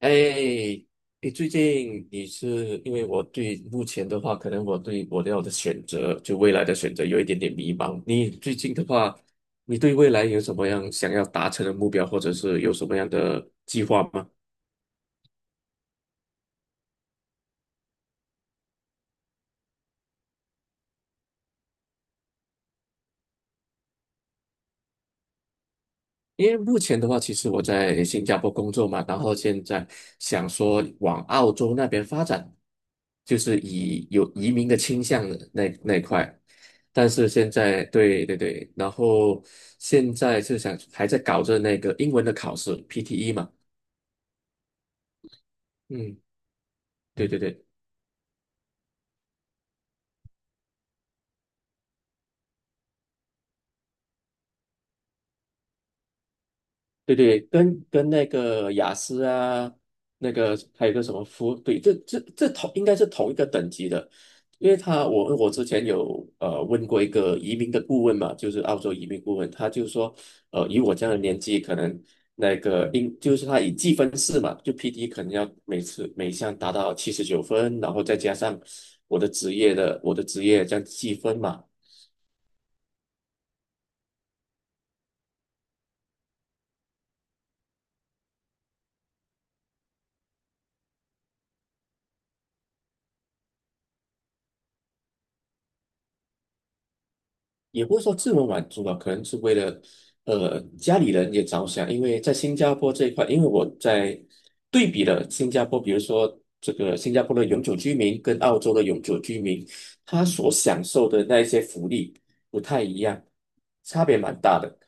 哎，你最近你是因为我对目前的话，可能我要的选择，就未来的选择有一点点迷茫。你最近的话，你对未来有什么样想要达成的目标，或者是有什么样的计划吗？因为目前的话，其实我在新加坡工作嘛，然后现在想说往澳洲那边发展，就是以有移民的倾向的那一块。但是现在，对对对，然后现在是想还在搞着那个英文的考试 PTE 嘛，嗯，对对对。对对，跟那个雅思啊，那个还有个什么夫，对，这同应该是同一个等级的，因为我之前有问过一个移民的顾问嘛，就是澳洲移民顾问，他就说，以我这样的年纪，可能那个就是他以计分制嘛，就 PD 可能要每次每项达到79分，然后再加上我的职业这样计分嘛。也不是说自我满足吧，可能是为了家里人也着想，因为在新加坡这一块，因为我在对比了新加坡，比如说这个新加坡的永久居民跟澳洲的永久居民，他所享受的那一些福利不太一样，差别蛮大的。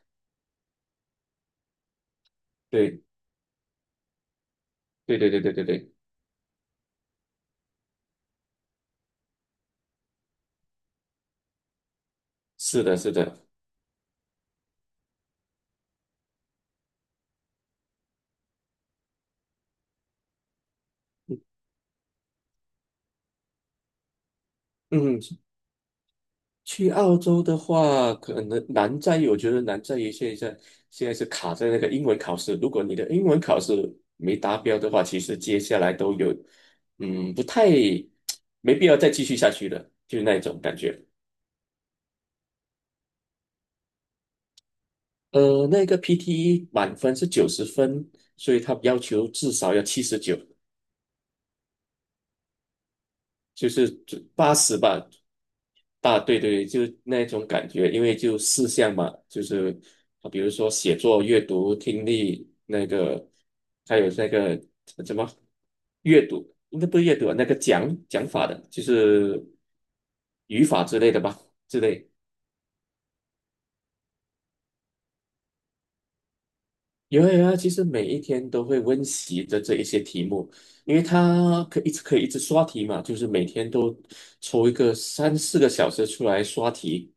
对，对对对对对对，是的，是的，嗯。去澳洲的话，可能难在于，我觉得难在于现在是卡在那个英文考试。如果你的英文考试没达标的话，其实接下来都有，嗯，不太 没必要再继续下去了，就是那一种感觉。那个 PTE 满分是90分，所以他要求至少要七十九。就是80吧，对对，就那种感觉，因为就四项嘛，就是比如说写作、阅读、听力，那个还有那个怎么阅读，应该不是阅读啊那个讲法的，就是语法之类的吧，之类。有啊有啊，其实每一天都会温习的这一些题目，因为它可以一直刷题嘛，就是每天都抽一个三四个小时出来刷题。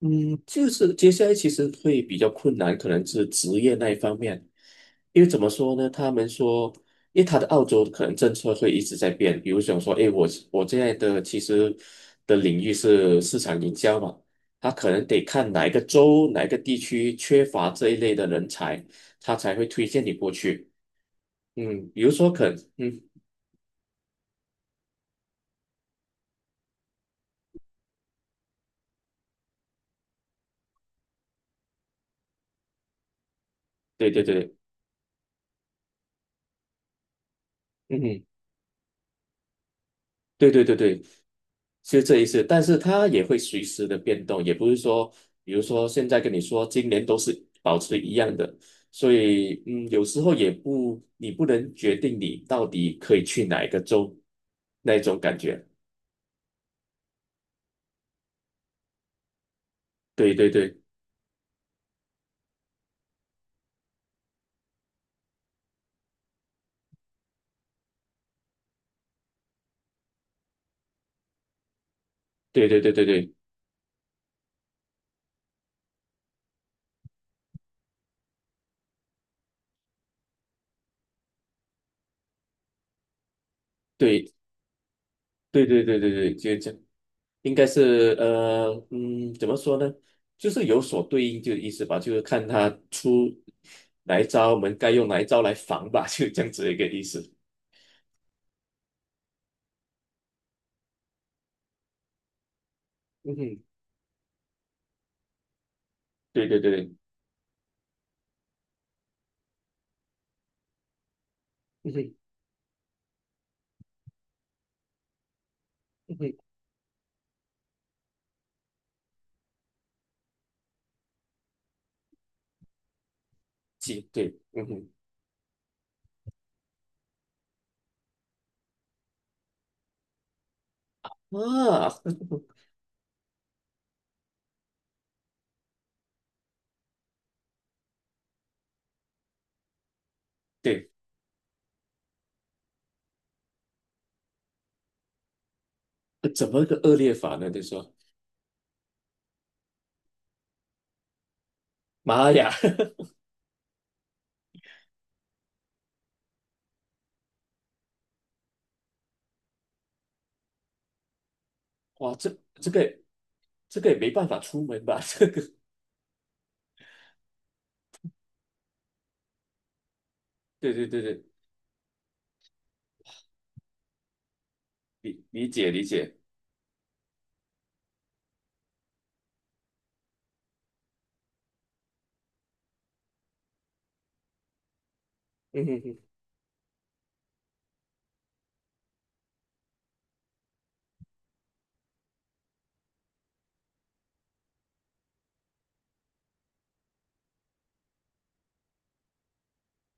嗯，就是接下来其实会比较困难，可能是职业那一方面，因为怎么说呢？他们说，因为他的澳洲可能政策会一直在变，比如想说，诶，我现在的其实的领域是市场营销嘛，他可能得看哪一个州、哪一个地区缺乏这一类的人才，他才会推荐你过去。嗯，比如说嗯，对对对，嗯。对对对对，就这一次，但是它也会随时的变动，也不是说，比如说现在跟你说今年都是保持一样的，所以有时候也不，你不能决定你到底可以去哪一个州，那种感觉。对对对对对对对对对对对对对对，就是这样，应该是怎么说呢？就是有所对应就意思吧，就是看他出哪一招，我们该用哪一招来防吧，就这样子一个意思。嗯哼，对对对对，嗯哼，嗯哼，对嗯哼，啊，对，怎么个恶劣法呢？你说，妈呀，哇，这这个这个也没办法出门吧？这个，对对对对，理解理解，嗯哼，哼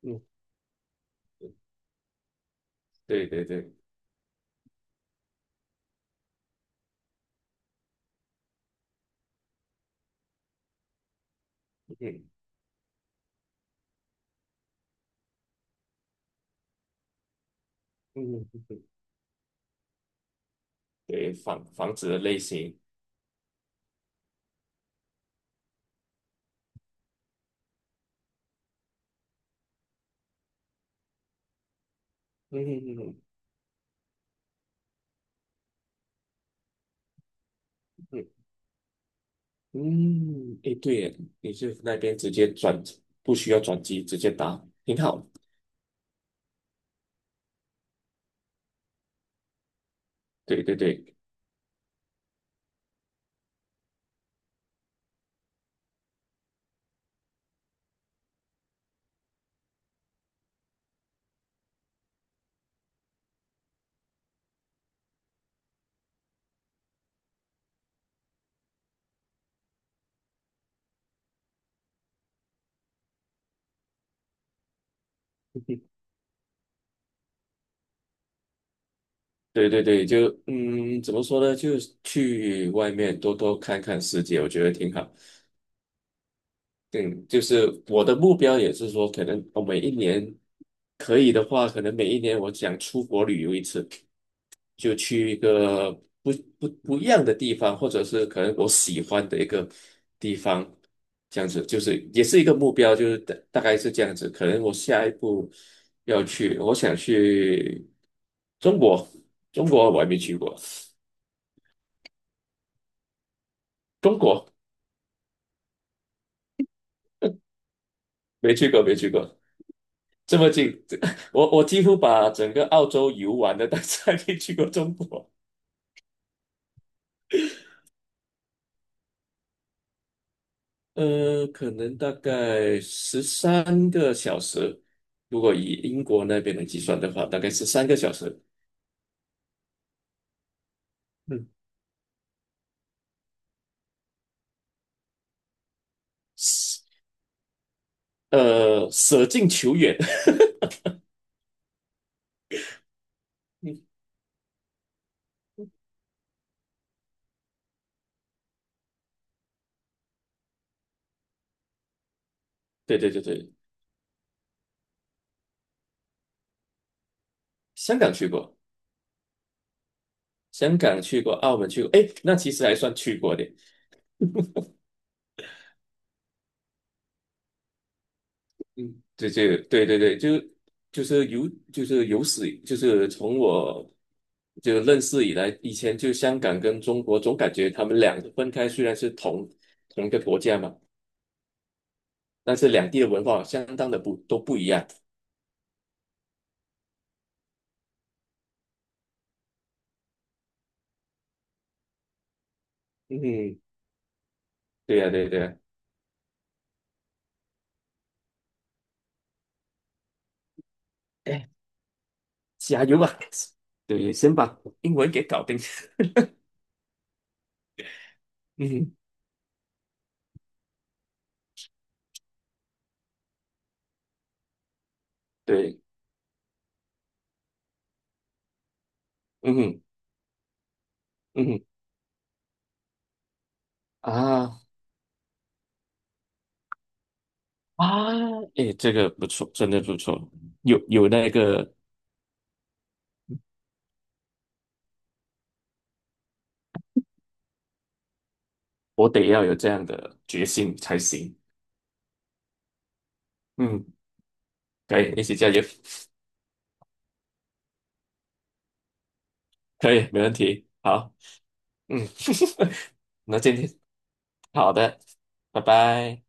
嗯对对对嗯哼嗯哼对，房子的类型，嗯哼嗯哼嗯嗯，诶，对耶，你是那边直接转，不需要转机，直接打，挺好。对对对，对对对，怎么说呢？就是去外面多多看看世界，我觉得挺好。嗯，就是我的目标也是说，可能我每一年可以的话，可能每一年我想出国旅游一次，就去一个不不一样的地方，或者是可能我喜欢的一个地方，这样子就是也是一个目标，就是大概是这样子。可能我下一步要去，我想去中国，中国我还没去过。中国没去过，没去过，这么近，我几乎把整个澳洲游玩的，但是还没去过中国。可能大概十三个小时，如果以英国那边来计算的话，大概十三个小时。嗯，舍近求远。嗯，对对对对，香港去过，香港去过，澳门去过，诶，那其实还算去过的。嗯，这个对对对，就是有就是有史以就是从我就认识以来，以前就香港跟中国总感觉他们两个分开，虽然是同一个国家嘛，但是两地的文化相当的不都不一样。嗯，对呀、对对呀、哎，加油吧！对，先把英文给搞定。嗯，对，嗯哼嗯哼啊啊，哎，这个不错，真的不错，有有那个我得要有这样的决心才行。嗯，可以，一起加油，可以，没问题。好，嗯，那今天好的，拜拜。